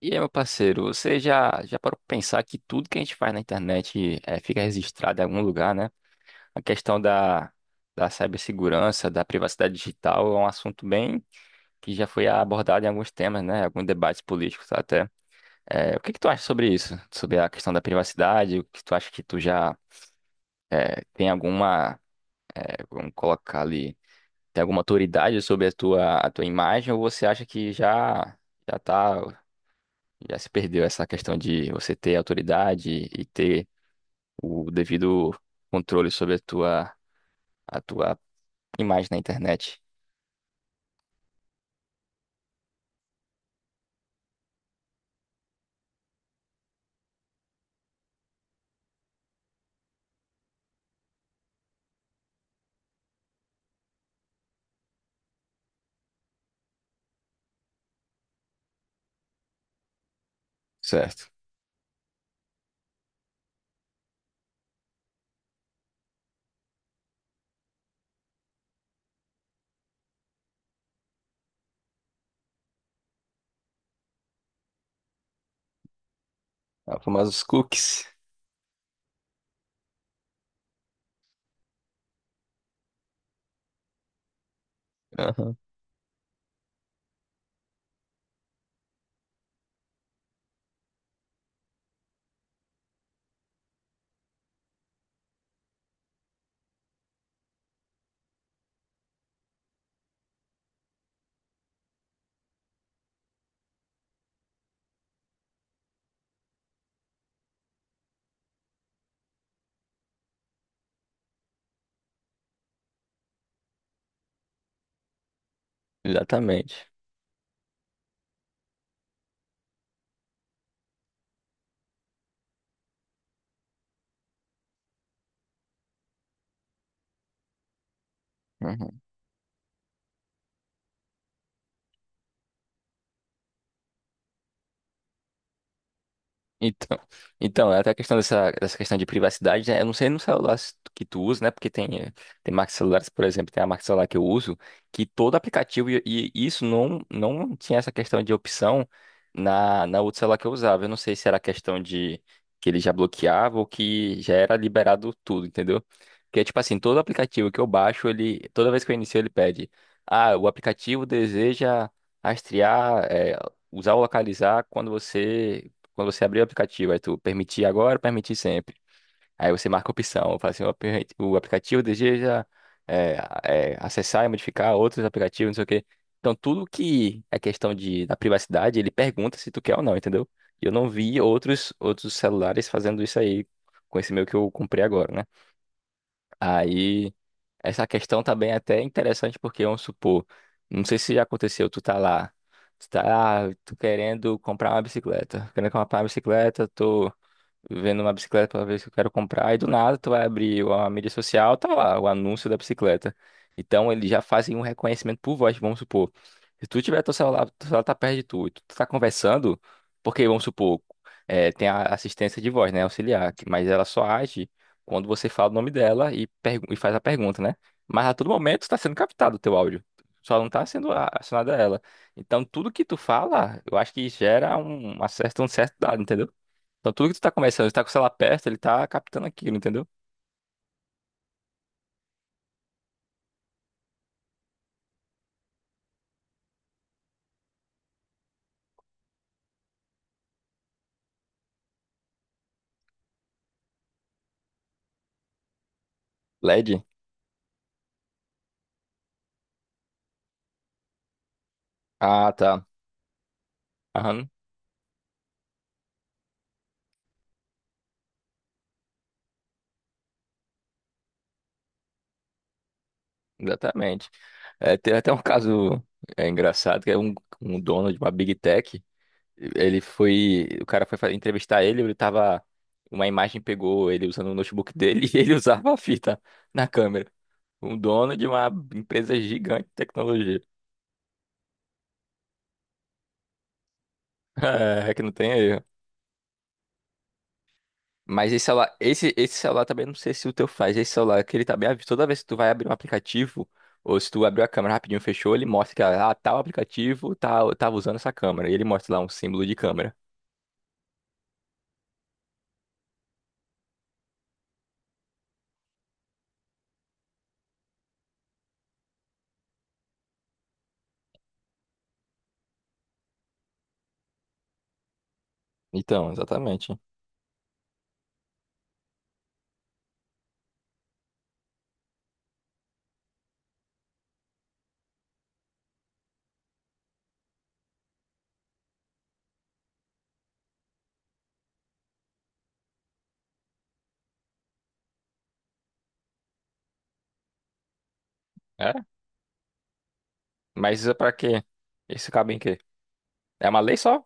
E aí, meu parceiro, você já parou pra pensar que tudo que a gente faz na internet, fica registrado em algum lugar, né? A questão da cibersegurança, da privacidade digital é um assunto bem que já foi abordado em alguns temas, né? Alguns debates políticos até. O que que tu acha sobre isso? Sobre a questão da privacidade? O que tu acha que tu já tem alguma, vamos colocar ali, tem alguma autoridade sobre a tua imagem, ou você acha que já tá Já se perdeu essa questão de você ter autoridade e ter o devido controle sobre a tua imagem na internet. Certo. É o cookies. Aham, exatamente. Uhum. Então, então, é até a questão dessa, questão de privacidade, né? Eu não sei no celular se que tu usa, né? Porque tem marcas de celulares, por exemplo, tem a marca de celular que eu uso, que todo aplicativo, e isso não tinha essa questão de opção na outra celular que eu usava. Eu não sei se era questão de que ele já bloqueava ou que já era liberado tudo, entendeu? Porque, tipo assim, todo aplicativo que eu baixo, ele, toda vez que eu inicio, ele pede, ah, o aplicativo deseja rastrear, usar ou localizar quando você abrir o aplicativo, aí tu permitir agora, permitir sempre. Aí você marca a opção, fala assim, o aplicativo deseja, é, acessar e modificar outros aplicativos, não sei o quê. Então tudo que é questão de, da privacidade, ele pergunta se tu quer ou não, entendeu? E eu não vi outros celulares fazendo isso aí com esse meu que eu comprei agora, né? Aí essa questão também é até interessante porque, vamos supor, não sei se já aconteceu, tu tá lá. Tô querendo comprar uma bicicleta. Querendo comprar uma bicicleta, tô vendo uma bicicleta pela vez que eu quero comprar, e do nada tu vai abrir a mídia social, tá lá o anúncio da bicicleta. Então eles já fazem um reconhecimento por voz, vamos supor. Se tu tiver teu celular tá perto de tu, e tu tá conversando, porque vamos supor, tem a assistência de voz, né, auxiliar, mas ela só age quando você fala o nome dela e faz a pergunta, né? Mas a todo momento está sendo captado o teu áudio. Só não tá sendo acionada ela. Então tudo que tu fala, eu acho que gera um certo dado, entendeu? Então tudo que tu tá começando, tu tá com o celular perto, ele tá captando aquilo, entendeu? LED? Ah, tá. Aham, exatamente. É, teve até um caso engraçado, que é um dono de uma Big Tech. O cara foi entrevistar ele, uma imagem pegou ele usando o notebook dele e ele usava a fita na câmera. Um dono de uma empresa gigante de tecnologia. É, que não tem erro. Mas esse celular, esse celular também não sei se o teu faz. Esse celular que ele tá bem toda vez que tu vai abrir um aplicativo, ou se tu abriu a câmera rapidinho, fechou, ele mostra que tal aplicativo tava usando essa câmera. E ele mostra lá um símbolo de câmera. Então, exatamente. É? Mas isso é pra quê? Isso cabe em quê? É uma lei só?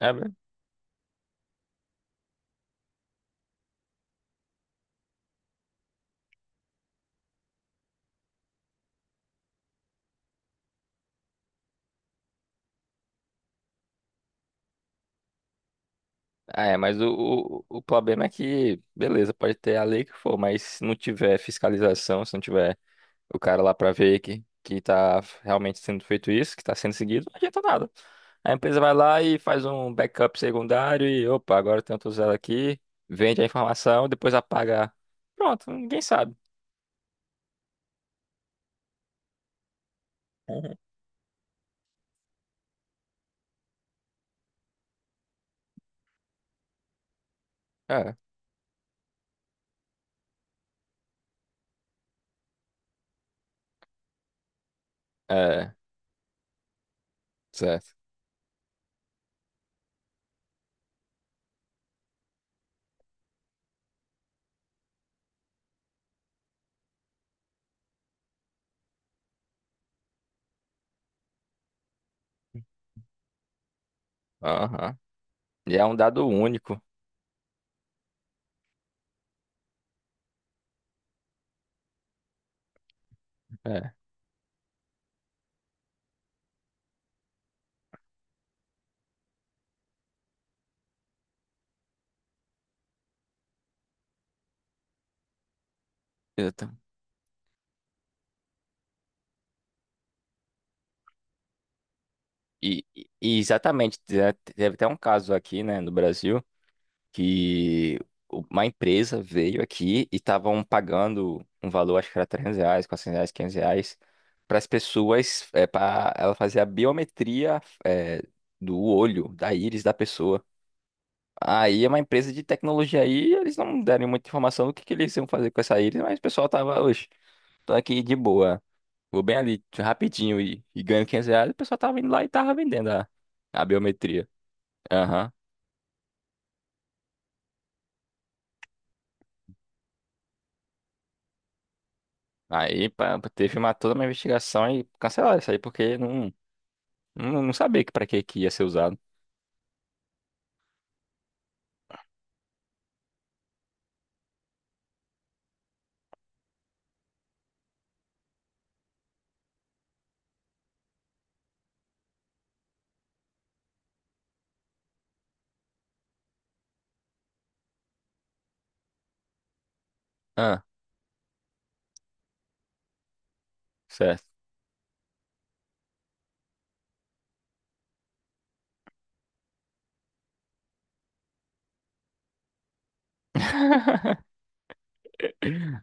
É, mesmo? Ah, é, mas o problema é que, beleza, pode ter a lei que for, mas se não tiver fiscalização, se não tiver o cara lá pra ver que tá realmente sendo feito isso, que tá sendo seguido, não adianta nada. A empresa vai lá e faz um backup secundário e, opa, agora tem outro zero aqui, vende a informação, depois apaga. Pronto, ninguém sabe. Uhum. É, é, certo. Aham. E é um dado único. É. Exata- e exatamente, teve até um caso aqui, né, no Brasil, que uma empresa veio aqui e estavam pagando um valor, acho que era R$ 300, R$ 400, R$ 500, para as pessoas, para ela fazer a biometria, do olho, da íris da pessoa. Aí é uma empresa de tecnologia aí, eles não deram muita informação do que eles iam fazer com essa íris, mas o pessoal tava, oxe, tô aqui de boa, vou bem ali, rapidinho, e ganho R$ 500, o pessoal tava indo lá e tava vendendo a biometria. Aham. Aí pá, teve toda uma investigação e cancelaram isso aí, porque não sabia que para que que ia ser usado. Ah, certo.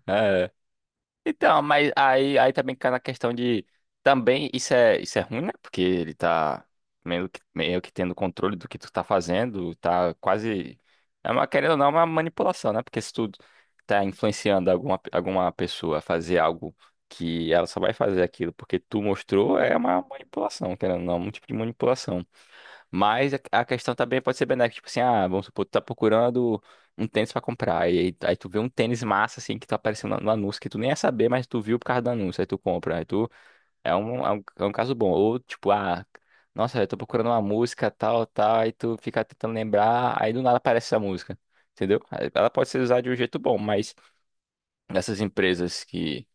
É. Então, mas aí também cai na questão de. Também isso é ruim, né? Porque ele tá meio que tendo controle do que tu tá fazendo, tá quase. É uma, querendo ou não, é uma manipulação, né? Porque se tu tá influenciando alguma pessoa a fazer algo que ela só vai fazer aquilo porque tu mostrou, é uma manipulação, querendo ou não, é um tipo de manipulação. Mas a questão também pode ser benéfica, tipo assim, ah, vamos supor, tu tá procurando um tênis pra comprar, e aí tu vê um tênis massa, assim, que tá aparecendo no anúncio, que tu nem ia saber, mas tu viu por causa do anúncio, aí tu compra, é um caso bom, ou tipo, ah, nossa, eu tô procurando uma música, tal, tal, aí tu fica tentando lembrar, aí do nada aparece essa música, entendeu? Aí ela pode ser usada de um jeito bom, mas essas empresas que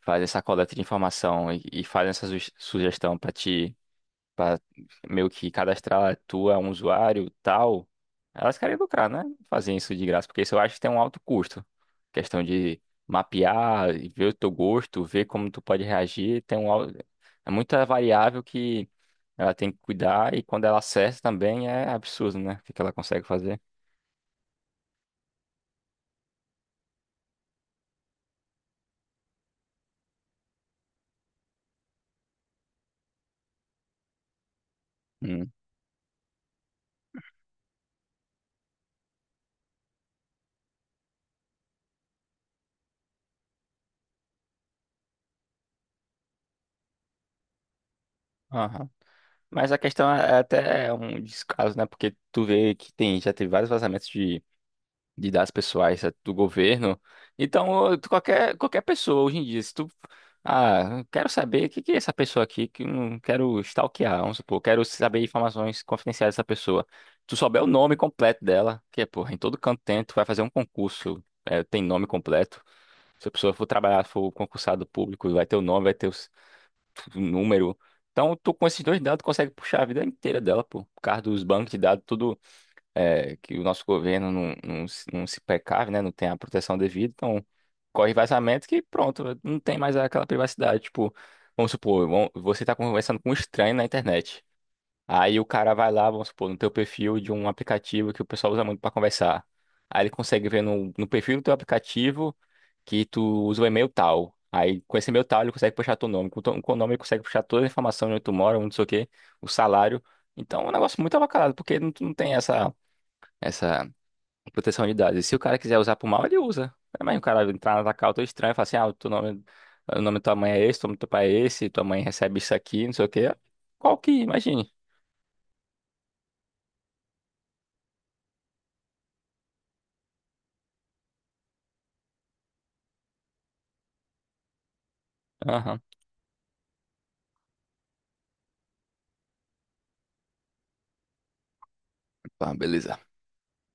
fazem essa coleta de informação e fazem essa sugestão pra ti pra meio que cadastrar tu é um usuário tal, elas querem lucrar, né? Fazer isso de graça, porque isso eu acho que tem um alto custo. Questão de mapear, e ver o teu gosto, ver como tu pode reagir, tem um é muita variável que ela tem que cuidar, e quando ela acerta também é absurdo, né? O que que ela consegue fazer. Hum. Aham. Mas a questão é até um descaso, né? Porque tu vê que tem, já teve vários vazamentos de dados pessoais, do governo. Então, qualquer pessoa hoje em dia, se tu. Ah, eu quero saber o que que é essa pessoa aqui que eu não quero stalkear, vamos supor, quero saber informações confidenciais dessa pessoa. Tu souber o nome completo dela, que é, porra, em todo canto tem, tu vai fazer um concurso, tem nome completo. Se a pessoa for trabalhar, for concursado público, vai ter o nome, vai ter o número. Então, tu com esses dois dados consegue puxar a vida inteira dela, pô, por causa dos bancos de dados, tudo é, que o nosso governo se não se precave, né? Não tem a proteção devida, então corre vazamento que pronto, não tem mais aquela privacidade. Tipo, vamos supor, você tá conversando com um estranho na internet. Aí o cara vai lá, vamos supor, no teu perfil de um aplicativo que o pessoal usa muito para conversar. Aí ele consegue ver no perfil do teu aplicativo que tu usa o e-mail tal. Aí com esse e-mail tal ele consegue puxar teu nome. Com o nome ele consegue puxar toda a informação de onde tu mora, onde não sei o quê, o salário. Então é um negócio muito avacalhado, porque não, tu não tem essa. Essa proteção de dados. E se o cara quiser usar pro mal, ele usa. Mas o cara entrar na tua estranho estranha e falar assim, ah, o teu nome, o nome da tua mãe é esse, o nome do teu pai é esse, tua mãe recebe isso aqui, não sei o quê. Qual que, imagine. Aham. Tá, beleza.